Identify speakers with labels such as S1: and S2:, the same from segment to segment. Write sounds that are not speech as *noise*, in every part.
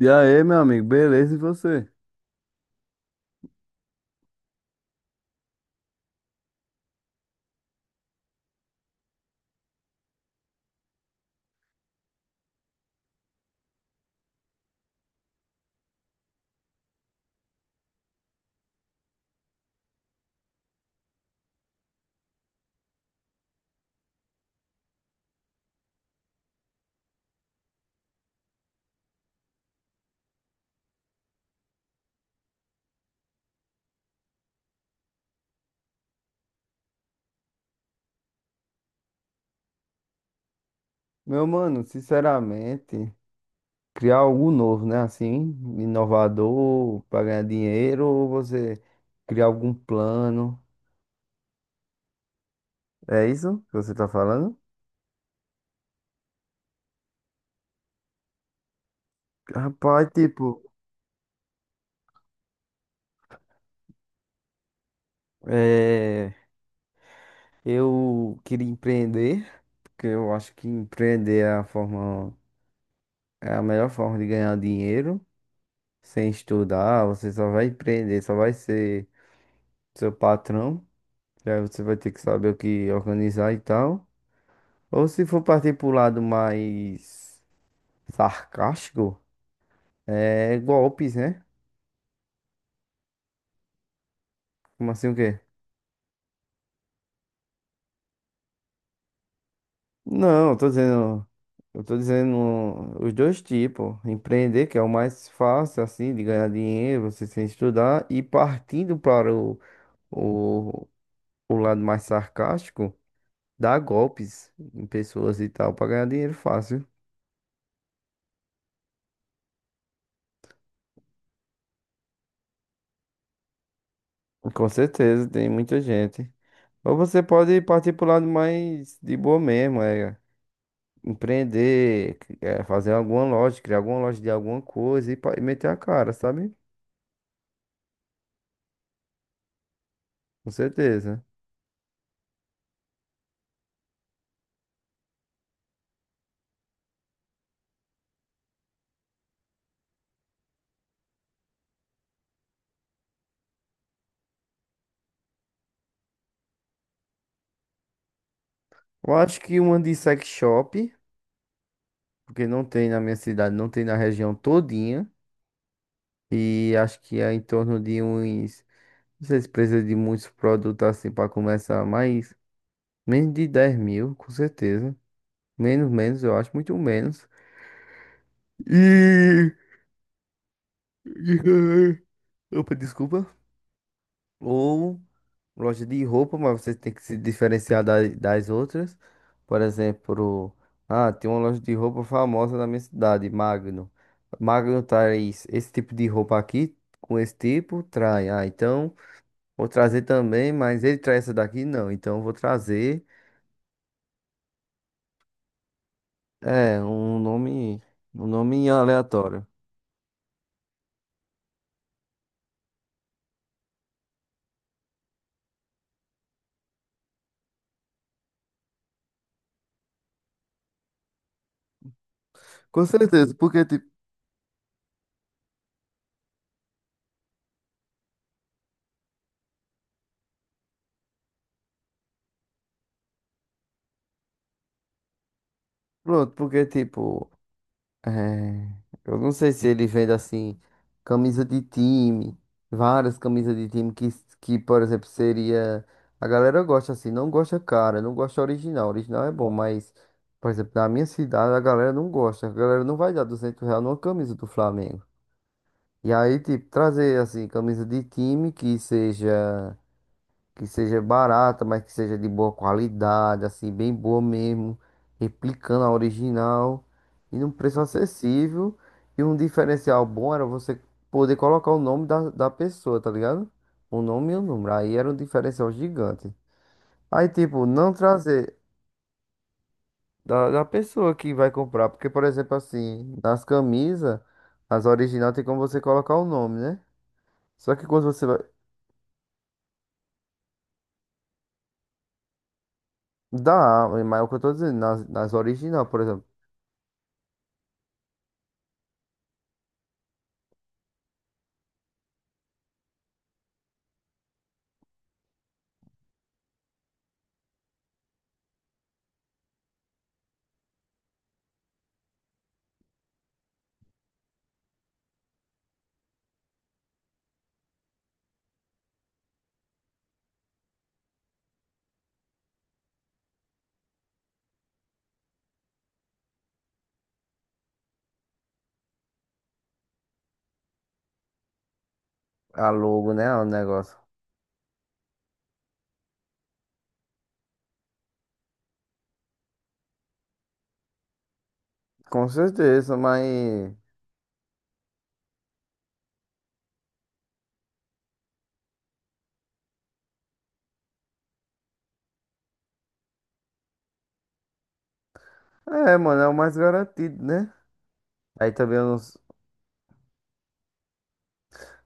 S1: E aí, meu amigo, beleza? E você? Meu mano, sinceramente, criar algo novo, né? Assim, inovador, para ganhar dinheiro, ou você criar algum plano. É isso que você tá falando? Rapaz, tipo, é, eu queria empreender, porque eu acho que empreender é a forma, é a melhor forma de ganhar dinheiro, sem estudar, você só vai empreender, só vai ser seu patrão, e aí você vai ter que saber o que organizar e tal. Ou se for partir pro lado mais sarcástico, é golpes, né? Como assim o quê? Não, eu tô dizendo. Eu tô dizendo os dois tipos. Empreender, que é o mais fácil, assim, de ganhar dinheiro, você sem estudar, e partindo o, o lado mais sarcástico, dar golpes em pessoas e tal, para ganhar dinheiro fácil. Com certeza, tem muita gente. Ou você pode partir pro lado mais de boa mesmo, é. Empreender, é, fazer alguma loja, criar alguma loja de alguma coisa e, e meter a cara, sabe? Com certeza. Eu acho que uma de sex shop, porque não tem na minha cidade, não tem na região todinha. E acho que é em torno de uns. Não sei se precisa de muitos produtos assim para começar, mas menos de 10 mil, com certeza. Menos, menos, eu acho, muito menos. E. *laughs* Opa, desculpa. Ou loja de roupa, mas você tem que se diferenciar das outras. Por exemplo, ah, tem uma loja de roupa famosa na minha cidade, Magno. Magno traz esse tipo de roupa aqui, com esse tipo, trai. Ah, então vou trazer também, mas ele traz essa daqui, não. Então eu vou trazer, é, um nome aleatório. Com certeza, porque tipo, pronto, porque tipo. É, eu não sei se ele vende assim, camisa de time, várias camisas de time que, por exemplo, seria. A galera gosta assim, não gosta cara, não gosta original. Original é bom, mas, por exemplo, na minha cidade a galera não gosta. A galera não vai dar 200 reais numa camisa do Flamengo. E aí, tipo, trazer assim, camisa de time que seja barata, mas que seja de boa qualidade, assim, bem boa mesmo, replicando a original e num preço acessível. E um diferencial bom era você poder colocar o nome da pessoa, tá ligado? O nome e o número. Aí era um diferencial gigante. Aí, tipo, não trazer da pessoa que vai comprar, porque, por exemplo, assim, nas camisas, as originais tem como você colocar o nome, né? Só que quando você vai. Dá, mas é o que eu tô dizendo, nas original, por exemplo. A logo, né? O negócio. Com certeza, mas. É, mano, é o mais garantido, né? Aí também eu não.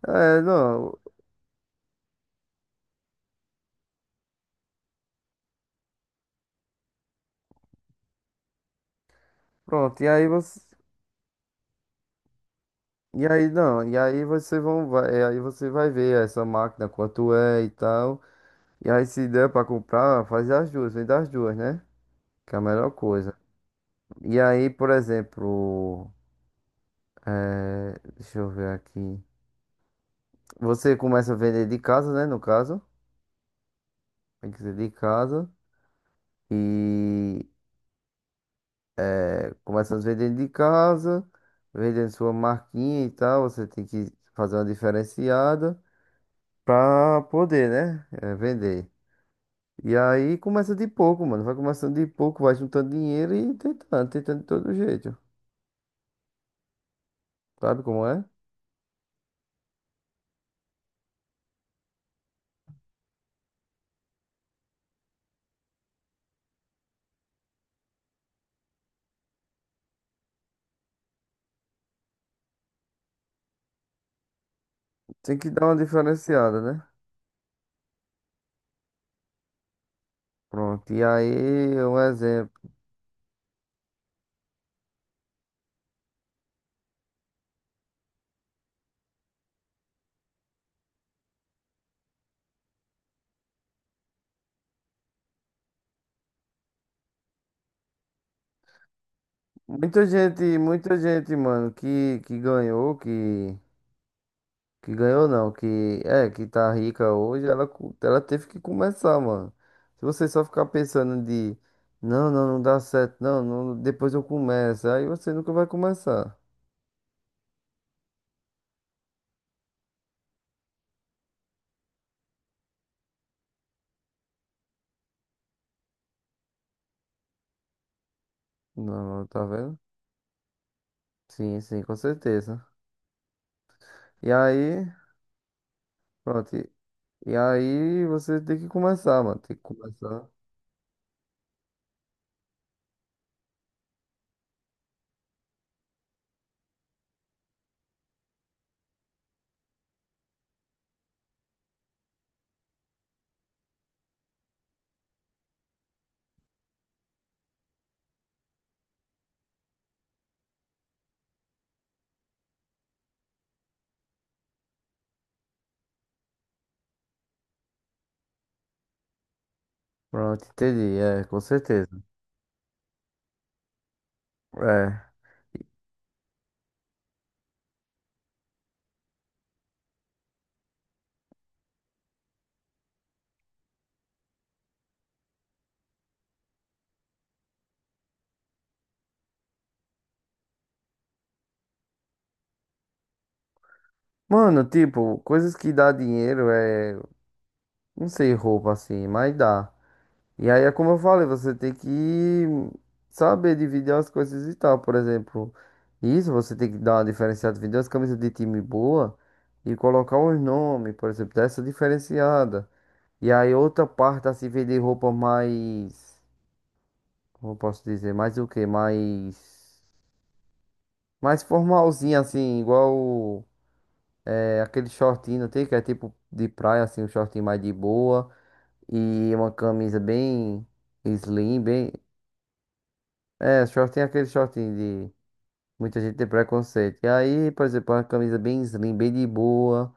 S1: É, não. Pronto, e aí você. E aí não, e aí você vai, e aí você vai ver essa máquina, quanto é e tal. E aí se der pra comprar, faz as duas, vem das duas, né? Que é a melhor coisa. E aí, por exemplo, é, deixa eu ver aqui. Você começa a vender de casa, né? No caso, tem que ser de casa. E começando vendendo de casa, vendendo sua marquinha e tal. Você tem que fazer uma diferenciada pra poder, né? Vender. E aí começa de pouco, mano. Vai começando de pouco, vai juntando dinheiro e tentando, tentando de todo jeito. Sabe como é? Tem que dar uma diferenciada, né? Pronto. E aí, um exemplo. Muita gente, mano, que ganhou, que ganhou não, que é, que tá rica hoje, ela, ela teve que começar, mano. Se você só ficar pensando de não, não, não dá certo, não, não, depois eu começo, aí você nunca vai começar. Não, tá vendo? Sim, sim, com certeza. E aí, pronto. E aí você tem que começar, mano. Tem que começar. Pronto, entendi, é, com certeza. É. Mano, tipo, coisas que dá dinheiro é, não sei, roupa assim, mas dá. E aí é como eu falei, você tem que saber dividir as coisas e tal. Por exemplo, isso você tem que dar uma diferenciada, vender umas camisas de time boa e colocar uns nomes, por exemplo, dessa diferenciada. E aí outra parte assim, vender roupa mais, como eu posso dizer, mais o quê? Mais, mais formalzinha assim, igual é, aquele shortinho, não tem que é tipo de praia assim, um shortinho mais de boa e uma camisa bem slim, bem. É, shortinho é aquele shortinho de muita gente tem preconceito. E aí, por exemplo, uma camisa bem slim, bem de boa.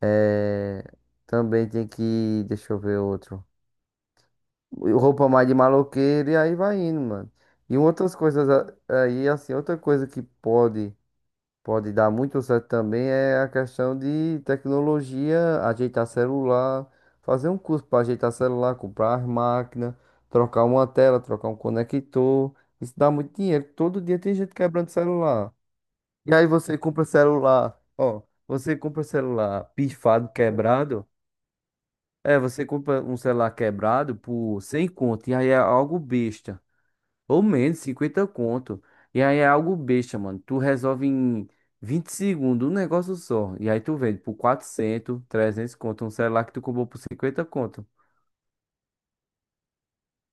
S1: É, também tem que, deixa eu ver outro. Roupa mais de maloqueiro e aí vai indo, mano. E outras coisas aí, assim, outra coisa que pode. Pode dar muito certo também é a questão de tecnologia, ajeitar celular, fazer um curso para ajeitar celular, comprar as máquinas, trocar uma tela, trocar um conector. Isso dá muito dinheiro. Todo dia tem gente quebrando celular. E aí você compra celular, ó, você compra celular pifado, quebrado. É, você compra um celular quebrado por 100 conto, e aí é algo besta. Ou menos, 50 conto. E aí é algo besta, mano. Tu resolve em 20 segundos um negócio só. E aí tu vende por 400, 300 conto. Um celular que tu comprou por 50 conto.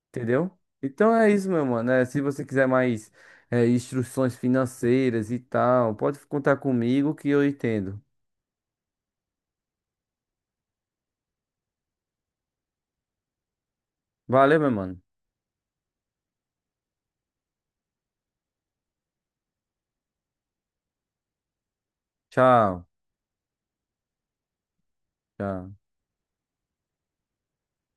S1: Entendeu? Então é isso, meu mano. É, se você quiser mais é, instruções financeiras e tal, pode contar comigo que eu entendo. Valeu, meu mano. Tchau. Tchau.